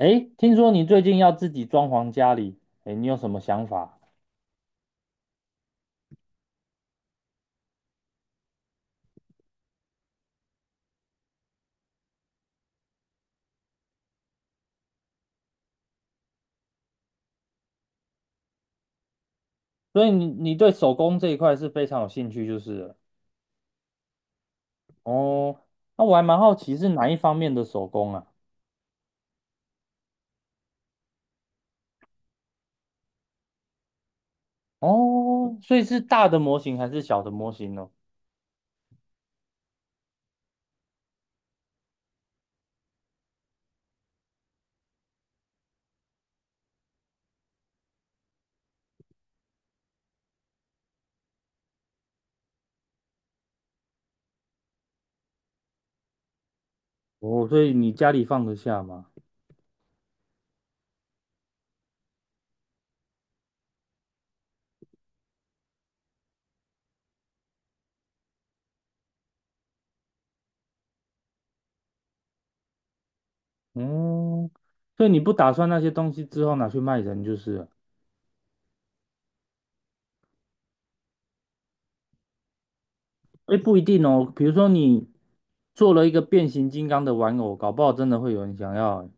诶，听说你最近要自己装潢家里，诶，你有什么想法？所以你对手工这一块是非常有兴趣，就是了哦。那我还蛮好奇是哪一方面的手工啊？哦，所以是大的模型还是小的模型呢？哦，所以你家里放得下吗？嗯，所以你不打算那些东西之后拿去卖人就是了？诶，不一定哦。比如说你做了一个变形金刚的玩偶，搞不好真的会有人想要欸。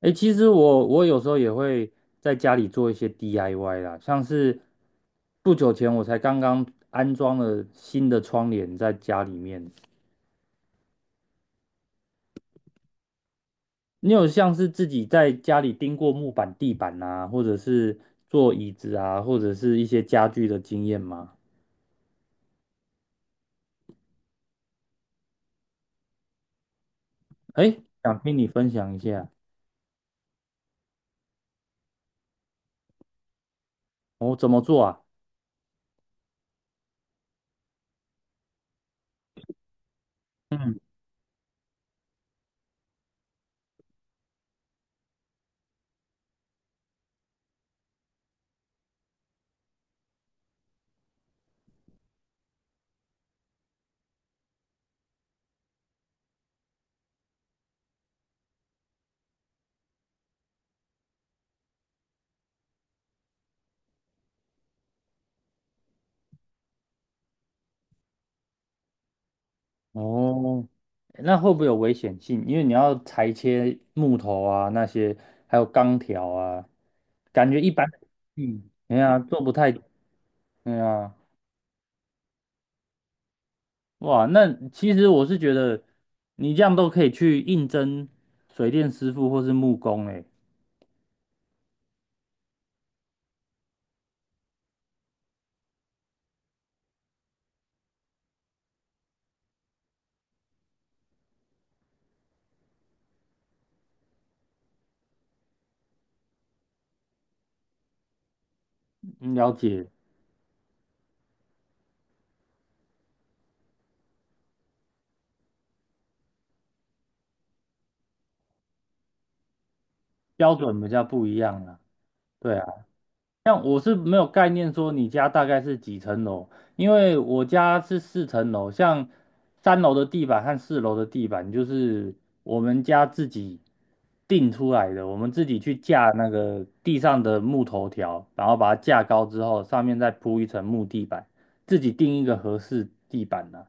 诶，其实我有时候也会在家里做一些 DIY 啦，像是不久前我才刚刚安装了新的窗帘在家里面。你有像是自己在家里钉过木板、地板啊，或者是做椅子啊，或者是一些家具的经验吗？诶，想听你分享一下，我、怎么做啊？嗯。哦，那会不会有危险性？因为你要裁切木头啊，那些还有钢条啊，感觉一般的嗯，哎呀，做不太，哎呀，哇，那其实我是觉得你这样都可以去应征水电师傅或是木工、欸，哎，了解标准比较不一样啊。对啊。像我是没有概念说你家大概是几层楼，因为我家是四层楼，像三楼的地板和四楼的地板就是我们家自己定出来的，我们自己去架那个地上的木头条，然后把它架高之后，上面再铺一层木地板，自己定一个合适地板呢、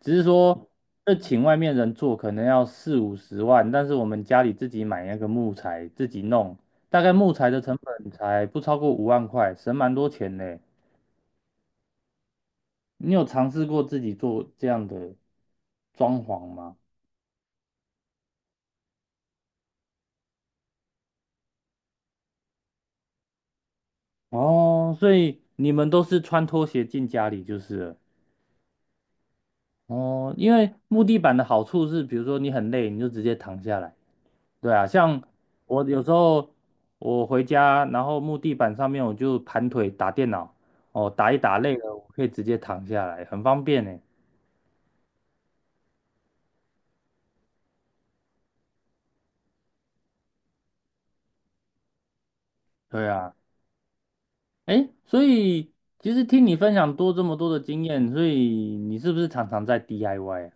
只是说，这请外面人做可能要四五十万，但是我们家里自己买那个木材，自己弄，大概木材的成本才不超过五万块，省蛮多钱呢。你有尝试过自己做这样的装潢吗？哦，所以你们都是穿拖鞋进家里就是了。哦，因为木地板的好处是，比如说你很累，你就直接躺下来。对啊，像我有时候我回家，然后木地板上面我就盘腿打电脑，哦，打一打累了，我可以直接躺下来，很方便呢。对啊。哎，所以其实听你分享多这么多的经验，所以你是不是常常在 DIY 啊？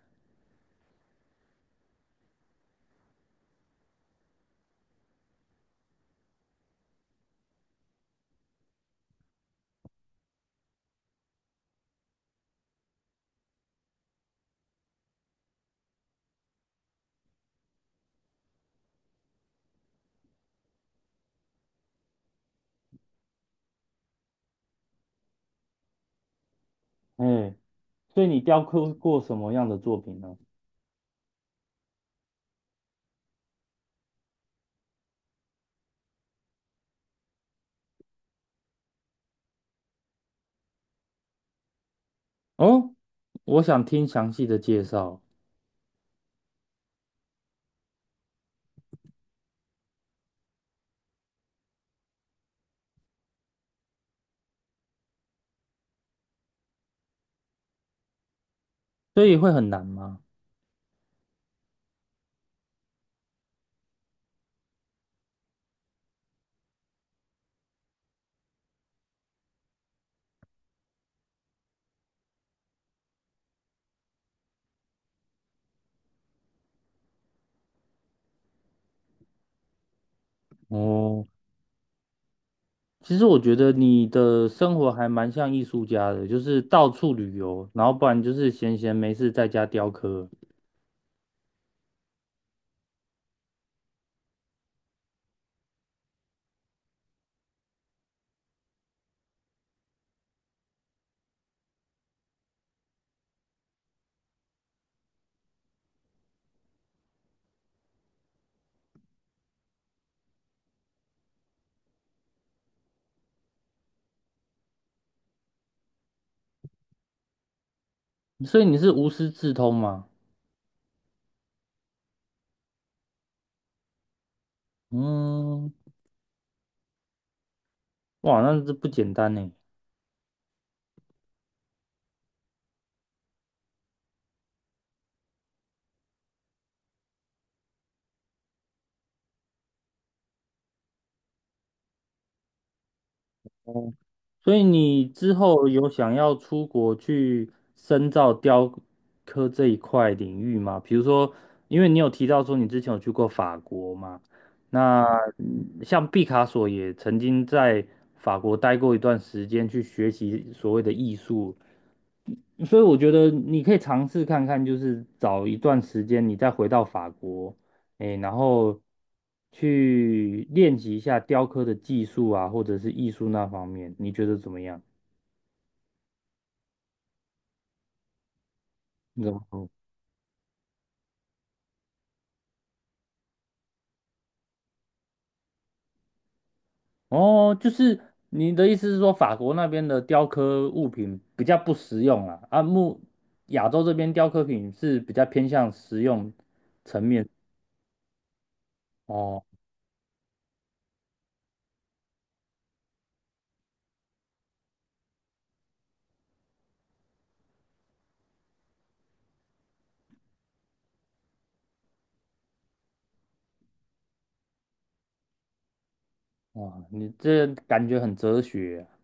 哎，所以你雕刻过什么样的作品呢？哦，我想听详细的介绍，所以会很难吗？哦，其实我觉得你的生活还蛮像艺术家的，就是到处旅游，然后不然就是闲闲没事在家雕刻，所以你是无师自通吗？嗯，哇，那这不简单呢。所以你之后有想要出国去深造雕刻这一块领域吗？比如说，因为你有提到说你之前有去过法国嘛，那嗯像毕卡索也曾经在法国待过一段时间去学习所谓的艺术，所以我觉得你可以尝试看看，就是找一段时间你再回到法国，诶，然后去练习一下雕刻的技术啊，或者是艺术那方面，你觉得怎么样？你怎么说哦，就是你的意思是说，法国那边的雕刻物品比较不实用啊，啊，木亚洲这边雕刻品是比较偏向实用层面。哦，哇，你这感觉很哲学啊。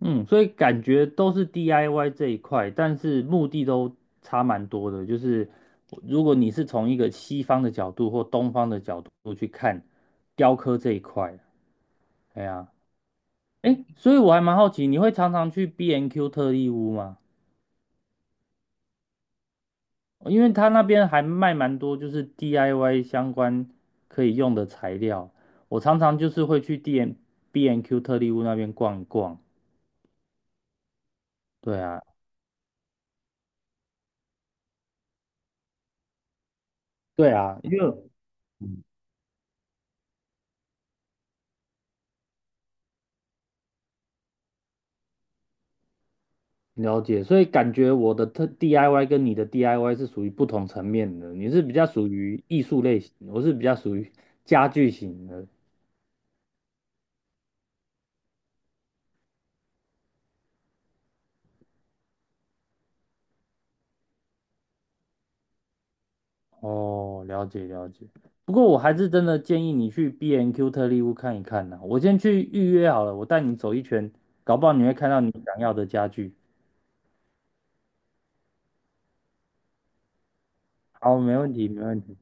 嗯，所以感觉都是 DIY 这一块，但是目的都差蛮多的。就是如果你是从一个西方的角度或东方的角度去看雕刻这一块啊，哎呀。诶，所以我还蛮好奇，你会常常去 B&Q N Q 特利屋吗？哦因为他那边还卖蛮多，就是 DIY 相关可以用的材料。我常常就是会去 B&Q N Q 特利屋那边逛一逛。对啊，对啊，因为嗯了解，所以感觉我的特 DIY 跟你的 DIY 是属于不同层面的。你是比较属于艺术类型，我是比较属于家具型的。哦，了解了解。不过我还是真的建议你去 B&Q N 特力屋看一看。呐、我先去预约好了，我带你走一圈，搞不好你会看到你想要的家具。好，没问题，没问题。